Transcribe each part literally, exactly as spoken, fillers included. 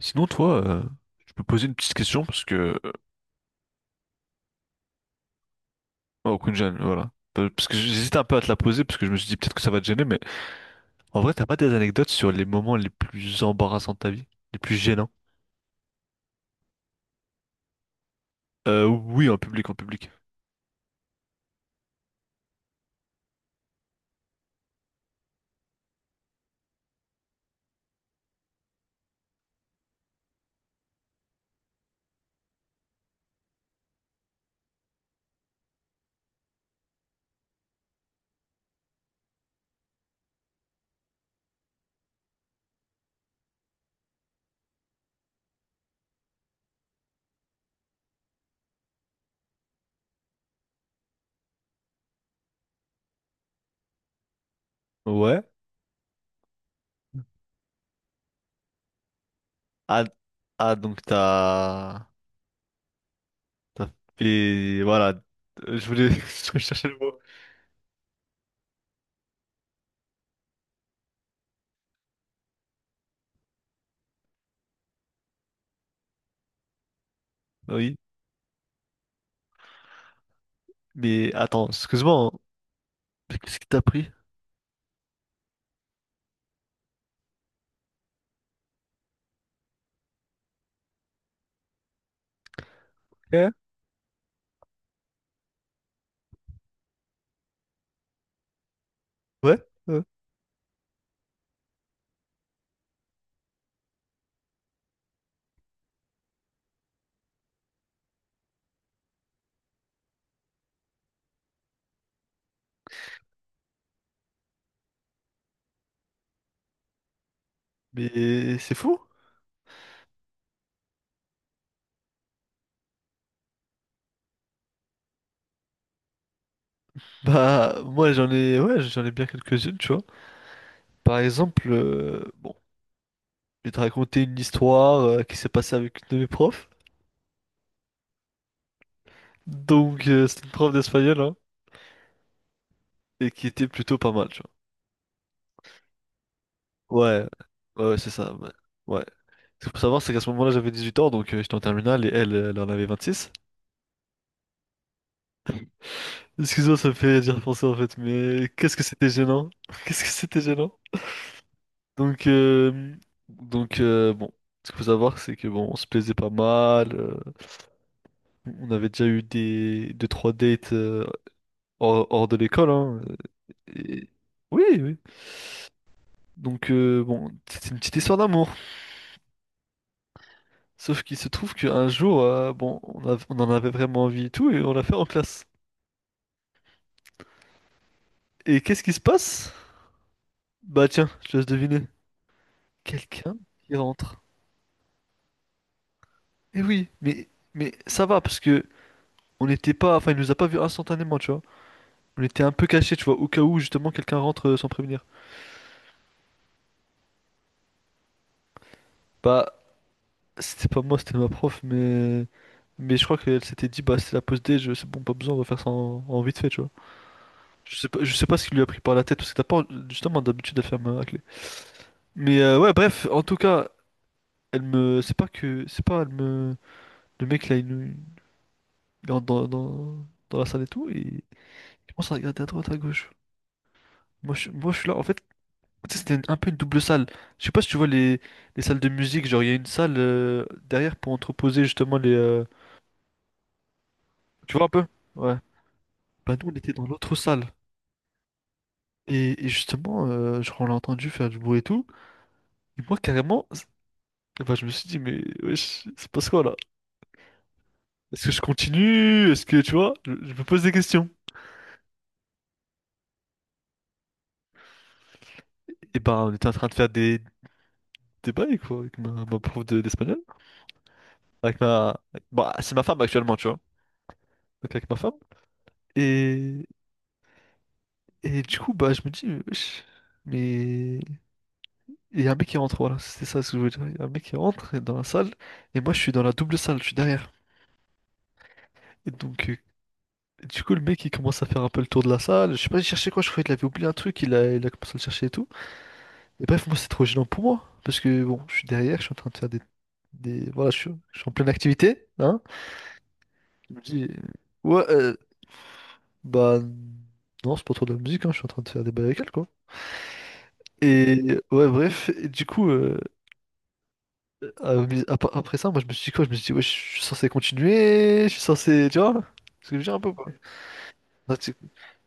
Sinon, toi, euh, je peux poser une petite question parce que. Euh, Oh, Kunjan, voilà. Euh, Parce que j'hésite un peu à te la poser parce que je me suis dit peut-être que ça va te gêner, mais en vrai, t'as pas des anecdotes sur les moments les plus embarrassants de ta vie, les plus gênants? Euh, oui, en public, en public. Ouais. Ah, ah donc t'as. T'as fait. Voilà. Euh, Je voulais. Je cherchais le mot. Oui. Mais attends, excuse-moi, hein. Mais qu'est-ce qui t'a pris? Hein. Ouais, ouais. Mais c'est fou. Bah, moi, j'en ai. Ouais, j'en ai bien quelques-unes, tu vois. Par exemple, euh, bon, je vais te raconter une histoire euh, qui s'est passée avec une de mes profs. Donc, euh, c'est une prof d'espagnol, hein, et qui était plutôt pas mal, tu vois. Ouais, ouais, ouais, c'est ça. Ouais. Ouais. Ce qu'il faut savoir, c'est qu'à ce moment-là, j'avais dix-huit ans, donc euh, j'étais en terminale, et elle, euh, elle en avait vingt-six. Excuse-moi, ça me fait dire penser, en fait, mais qu'est-ce que c'était gênant? Qu'est-ce que c'était gênant? Donc, euh, donc euh, bon, ce qu'il faut savoir, c'est que bon, on se plaisait pas mal. Euh, on avait déjà eu des deux trois dates euh, hors, hors de l'école, hein. Et- oui, oui. Donc, euh, bon, c'est une petite histoire d'amour. Sauf qu'il se trouve qu'un jour, euh, bon, on a- on en avait vraiment envie et tout, et on l'a fait en classe. Et qu'est-ce qui se passe? Bah tiens, je te laisse deviner. Quelqu'un qui rentre. Eh oui, mais, mais ça va, parce que on n'était pas... Enfin, il nous a pas vus instantanément, tu vois. On était un peu cachés, tu vois, au cas où, justement, quelqu'un rentre euh, sans prévenir. Bah, c'était pas moi, c'était ma prof, mais... Mais je crois qu'elle s'était dit, bah, c'est la pause D, je... c'est bon, pas besoin, on va faire ça en, en vite fait, tu vois. Je sais pas, je sais pas ce qui lui a pris par la tête, parce que t'as pas justement d'habitude à faire ma raclée. Mais euh, ouais, bref, en tout cas, elle me. C'est pas que. C'est pas, elle me. Le mec là, il, nous- il entre dans, dans, dans la salle et tout, et il commence à regarder à droite, à gauche. Moi je, moi, je suis là, en fait, tu sais, c'était un peu une double salle. Je sais pas si tu vois les, les salles de musique, genre il y a une salle euh, derrière pour entreposer justement les. euh, Tu vois un peu? Ouais. Bah nous, on était dans l'autre salle. Et, et justement, euh, genre, on l'a entendu faire du bruit et tout. Et moi, carrément. Enfin, je me suis dit, mais wesh, c'est passe quoi là? Est-ce que je continue? Est-ce que tu vois? Je, je me pose des questions. Et ben, on était en train de faire des, des bails quoi, avec ma, ma prof de- d'espagnol. Avec ma. Bah, c'est ma femme actuellement, tu vois. Donc, avec ma femme. Et, et du coup, bah, je me dis, mais wesh, mais. Il y a un mec qui rentre, voilà, c'était ça ce que je voulais dire. Il y a un mec qui rentre dans la salle, et moi, je suis dans la double salle, je suis derrière. Et donc, euh, du coup, le mec, il commence à faire un peu le tour de la salle. Je sais pas, il cherchait quoi, je croyais qu'il avait oublié un truc, il a, il a commencé à le chercher et tout. Et bref, moi, c'est trop gênant pour moi. Parce que, bon, je suis derrière, je suis en train de faire des... des... Voilà, je suis, je suis en pleine activité, hein. Je me dis, ouais, euh, bah... Non, c'est pas trop de la musique, hein, je suis en train de faire des bails avec elle, quoi. Et, ouais, bref, et du coup, euh, à- ap- après ça, moi, je me suis dit quoi? Je me suis dit, ouais, je suis censé continuer, je suis censé... Tu vois? Ce que je veux dire un peu, quoi. Je suis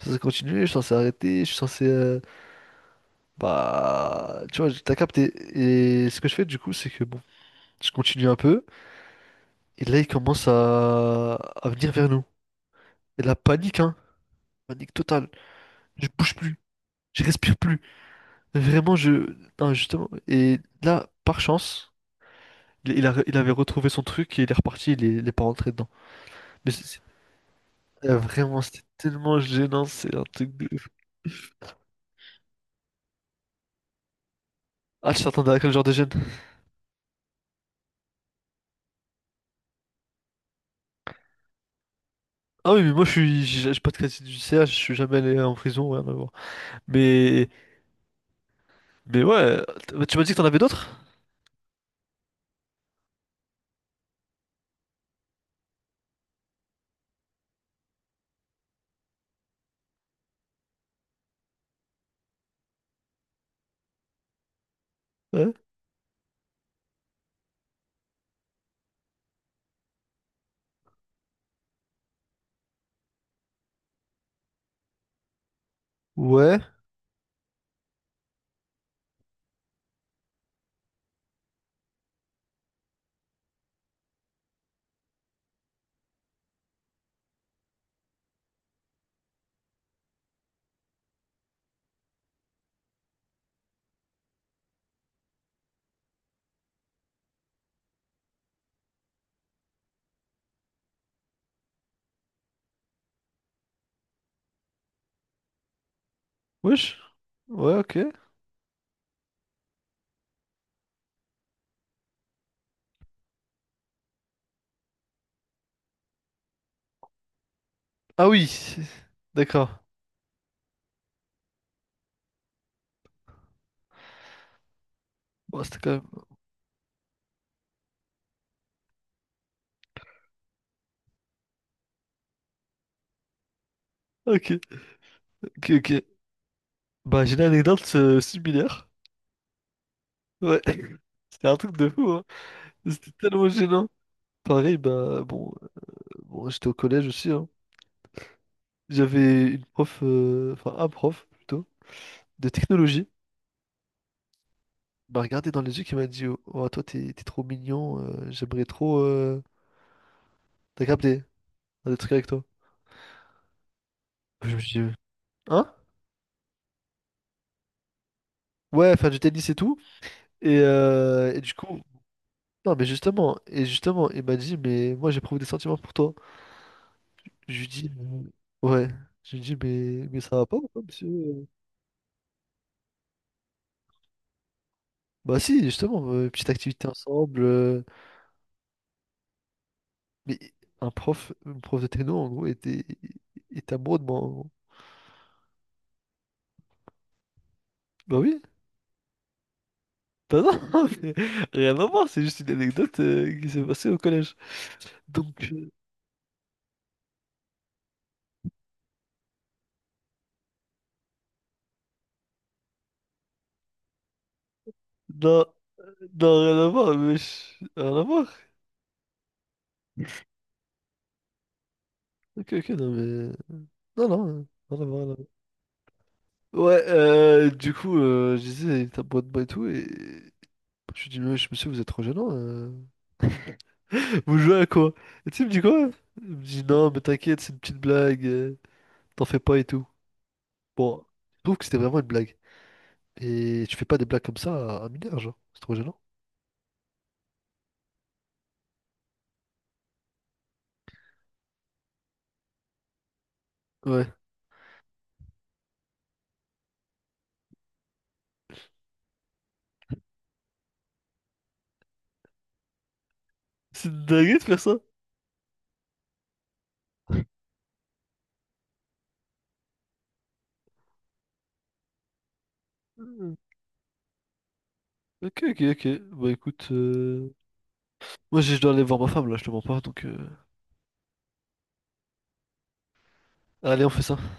censé continuer, je suis censé arrêter, je suis censé... euh, bah... Tu vois, t'as capté. Et ce que je fais, du coup, c'est que, bon, je continue un peu. Et là, il commence à, à venir vers nous. Et la panique, hein. Panique totale. Je bouge plus. Je respire plus. Vraiment, je. Non, justement. Et là, par chance, il, il a- il avait retrouvé son truc et il est reparti. Il est, il est pas rentré dedans. Mais c'est- c'est- euh, vraiment, c'était tellement gênant. C'est un truc de ouf. Ah, tu t'attendais à quel genre de gêne? Ah oui, mais moi, je suis. J'ai j'ai pas de crédit du C H. Je suis jamais allé en prison. Rien à voir. Mais. Mais ouais. t- Tu m'as dit que t'en avais d'autres? Ouais. Ouais. Wesh. Ouais, ok. Ah oui. D'accord. Bon, c'était quand même. Ok, ok, ok. Bah, j'ai une anecdote euh, similaire. Ouais. C'était un truc de fou, hein. C'était tellement gênant. Pareil, bah, bon, euh, bon j'étais au collège aussi, hein. J'avais une prof, euh, enfin, un prof, plutôt, de technologie. Il m'a regardé dans les yeux, qui m'a dit, oh, oh, toi, t'es t'es trop mignon, euh, j'aimerais trop. euh, T'as capté, faire des trucs avec toi. Je me suis dit, hein? Ouais, faire du tennis et tout. Et, euh, et du coup, non, mais justement, et justement, il m'a dit, mais moi, j'éprouve des sentiments pour toi. Je lui dis, euh, ouais. Je lui dis, mais, mais ça va pas, pourquoi, monsieur? euh Bah si, justement, euh, petite activité ensemble. euh, Mais un prof, un prof de techno, en gros, était, était amoureux de moi. En gros. Bah oui. Bah non, mais rien à voir, c'est juste une anecdote euh, qui s'est passée au collège. Donc, euh, non, non, rien à voir, mais je- rien à voir. Ok, ok, non, mais... Non, non, euh, rien à voir, rien à voir. Ouais, euh, du coup, euh, je disais, il était amoureux de moi et tout, et... Je lui dis, mais je monsieur, vous êtes trop gênant. euh. Vous jouez à quoi? Et tu sais, il me dit quoi? Il me dit non, mais t'inquiète, c'est une petite blague, euh, t'en fais pas et tout. Bon, je trouve que c'était vraiment une blague. Et tu fais pas des blagues comme ça à un mineur, genre, c'est trop gênant. Ouais. C'est une dinguerie de faire ça? Hmm. Ok, ok, ok. Bah écoute, euh, moi je je dois aller voir ma femme là, je te mens pas, donc euh, allez, on fait ça.